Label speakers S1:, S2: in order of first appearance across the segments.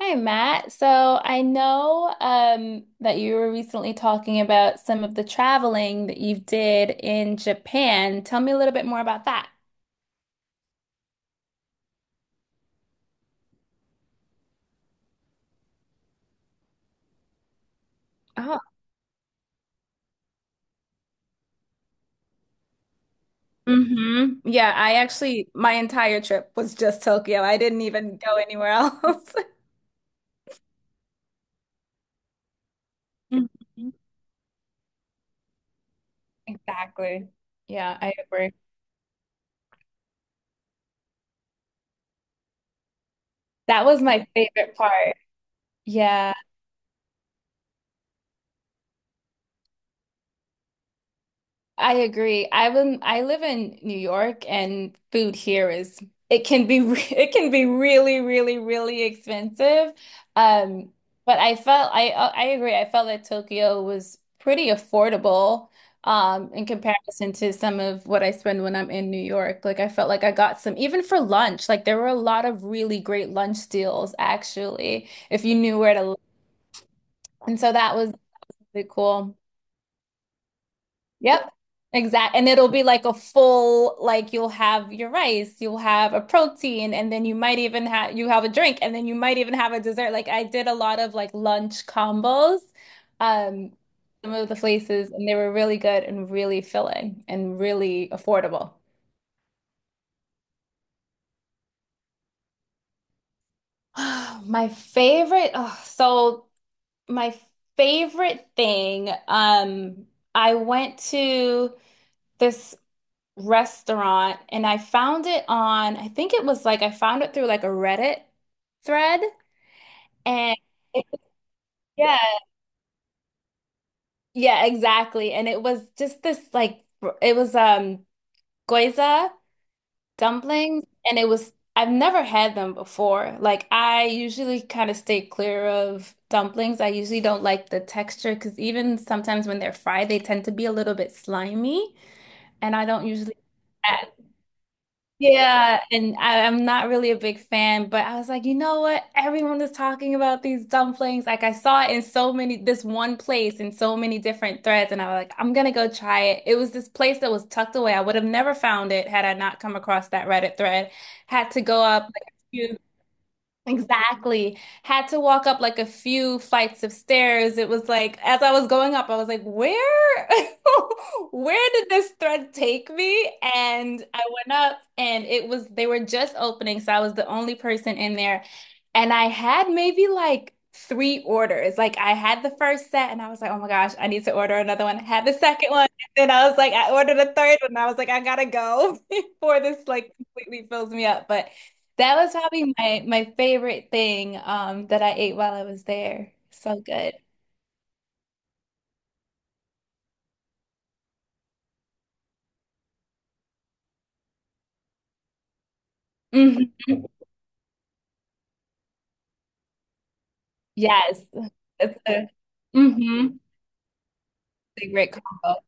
S1: Hi, Matt. So I know that you were recently talking about some of the traveling that you did in Japan. Tell me a little bit more about that. Oh, hmm. Yeah, I actually, my entire trip was just Tokyo. I didn't even go anywhere else. Mhm. Exactly. Yeah, I agree. That was my favorite part. Yeah. I agree. I live in New York and food here is, it can be it can be really, really, really expensive. Um but I felt I, I agree. I felt that Tokyo was pretty affordable, in comparison to some of what I spend when I'm in New York. Like, I felt like I got some even for lunch. Like, there were a lot of really great lunch deals actually, if you knew where to look. And so that was really cool. Yep. Exact. And it'll be like a full, like you'll have your rice, you'll have a protein, and then you might even have, you have a drink, and then you might even have a dessert. Like I did a lot of like lunch combos, um, some of the places, and they were really good and really filling and really affordable. My favorite, oh, so my favorite thing, I went to this restaurant and I found it on, I think it was like I found it through like a Reddit thread. and it- yeah, yeah, exactly. And it was just this like it was gyoza dumplings, and it was, I've never had them before. Like, I usually kind of stay clear of dumplings. I usually don't like the texture because even sometimes when they're fried, they tend to be a little bit slimy and I don't usually. Yeah, and I'm not really a big fan, but I was like, you know what? Everyone is talking about these dumplings. Like I saw it in so many, this one place in so many different threads, and I was like, I'm gonna go try it. It was this place that was tucked away. I would have never found it had I not come across that Reddit thread. Had to go up like a few. Exactly. Had to walk up like a few flights of stairs. It was like, as I was going up, I was like, where, where did this thread take me? And I went up and it was, they were just opening. So I was the only person in there. And I had maybe like three orders. Like I had the first set and I was like, oh my gosh, I need to order another one. I had the second one. And then I was like, I ordered a third one. I was like, I gotta go before this like completely fills me up. But that was probably my favorite thing that I ate while I was there. So good. Hmm. Yes. It's a, mhm, a great combo.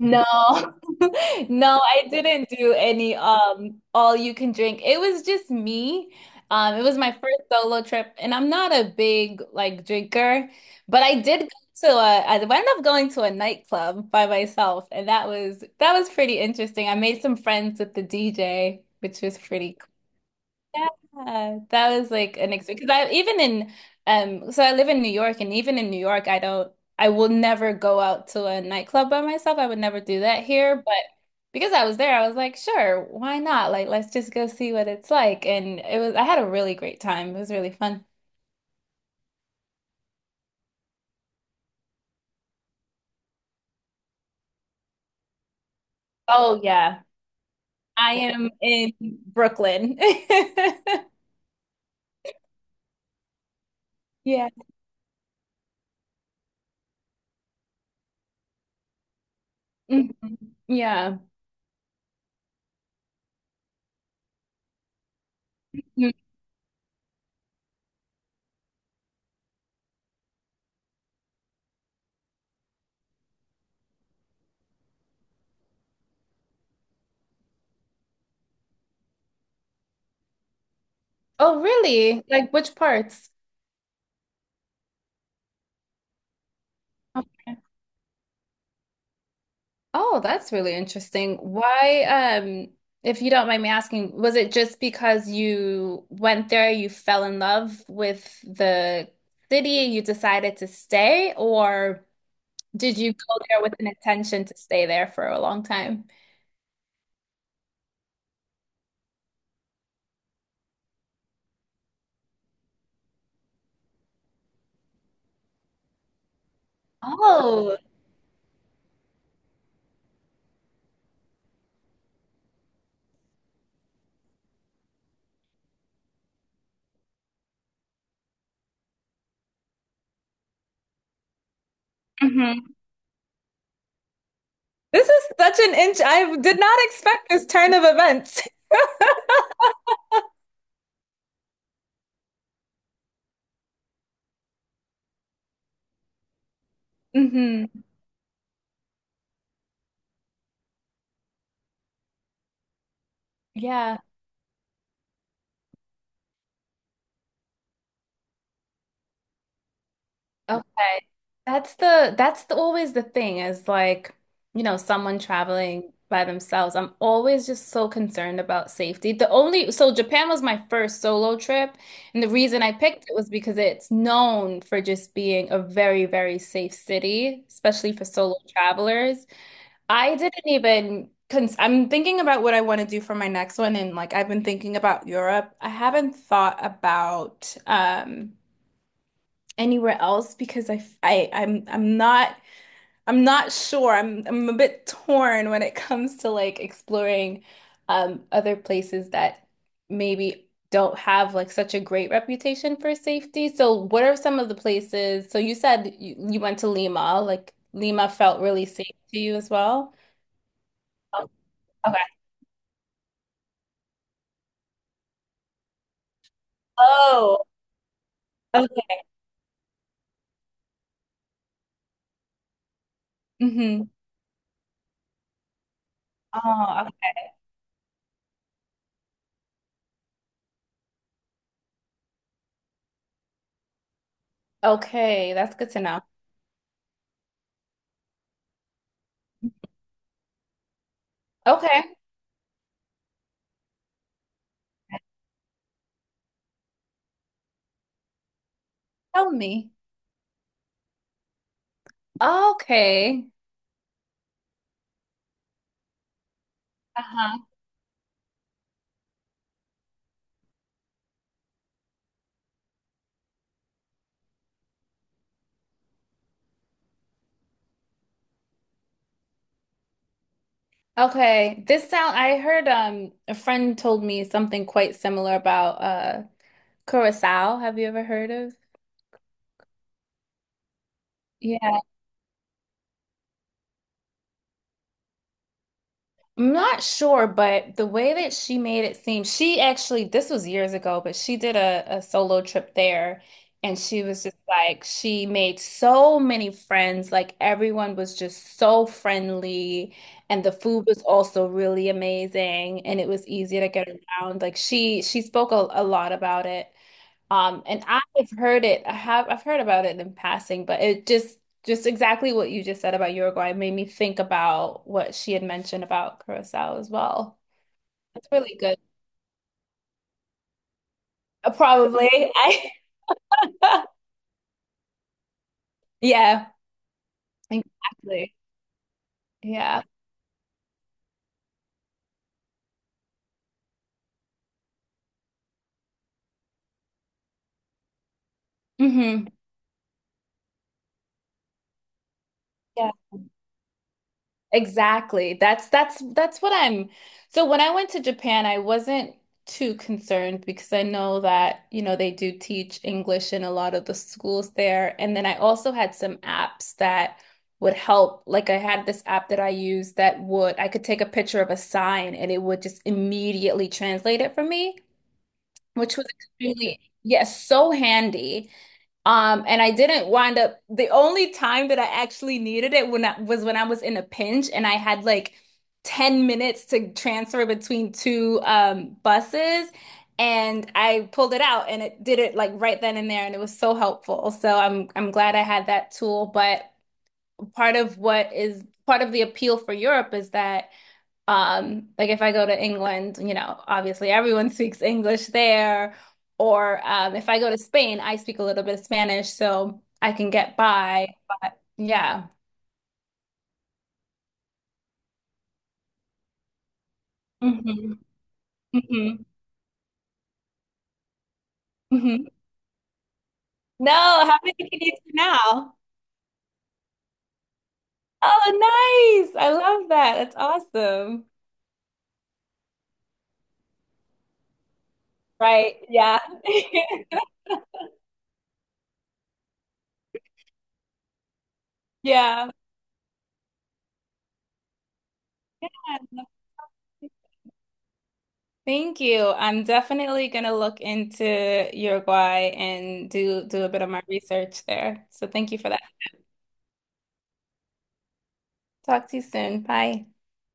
S1: No, no, I didn't do any all you can drink. It was just me. It was my first solo trip, and I'm not a big like drinker, but I did go to a, I ended up going to a nightclub by myself, and that was pretty interesting. I made some friends with the DJ, which was pretty, yeah, that was like an experience. Because I even in, so I live in New York, and even in New York, I don't, I will never go out to a nightclub by myself. I would never do that here, but because I was there, I was like, sure, why not? Like, let's just go see what it's like. And it was, I had a really great time. It was really fun. Oh yeah, I am in Brooklyn. Yeah. Mhm. Yeah. Mm. Oh, really? Like which parts? Oh, that's really interesting. Why, if you don't mind me asking, was it just because you went there, you fell in love with the city, you decided to stay, or did you go there with an intention to stay there for a long time? Oh, mhm. This is such an inch. I did not expect this turn of events. Hmm. Yeah. Okay. That's the, always the thing is like, you know, someone traveling by themselves. I'm always just so concerned about safety. The only, so Japan was my first solo trip, and the reason I picked it was because it's known for just being a very, very safe city, especially for solo travelers. I didn't even cons, I'm thinking about what I want to do for my next one, and like I've been thinking about Europe. I haven't thought about anywhere else because I am I, f- I I'm not sure. I'm a bit torn when it comes to like exploring other places that maybe don't have like such a great reputation for safety. So what are some of the places? So you said you went to Lima, like Lima felt really safe to you as well. Oh. Okay. Oh, okay. Mm-hmm. Oh, okay. Okay, that's good to know. Okay, tell me. Okay. Uh-huh. Okay, this sound, I heard a friend told me something quite similar about Curacao. Have you ever heard of? Yeah, I'm not sure, but the way that she made it seem, she actually, this was years ago, but she did a solo trip there and she was just like, she made so many friends, like everyone was just so friendly and the food was also really amazing and it was easy to get around. Like she spoke a lot about it. And I've heard it. I have, I've heard about it in passing, but it just exactly what you just said about Uruguay made me think about what she had mentioned about Curacao as well. That's really good. Probably. I, yeah, exactly. Yeah. Hmm. Exactly. That's what I'm. So when I went to Japan, I wasn't too concerned because I know that, you know, they do teach English in a lot of the schools there. And then I also had some apps that would help. Like I had this app that I used that would, I could take a picture of a sign and it would just immediately translate it for me, which was extremely, yes, so handy. And I didn't wind up, the only time that I actually needed it, when I was in a pinch and I had like 10 minutes to transfer between two buses and I pulled it out and it did it like right then and there and it was so helpful. So I'm glad I had that tool, but part of what is, part of the appeal for Europe is that like if I go to England, you know, obviously everyone speaks English there. Or if I go to Spain, I speak a little bit of Spanish, so I can get by. But yeah. Hmm. Hmm. Hmm. No, how many can you do now? Oh, nice. I love that. That's awesome. Right. Yeah. Yeah. Thank you. I'm definitely gonna look into Uruguay and do a bit of my research there. So thank you for that. Talk to you soon. Bye.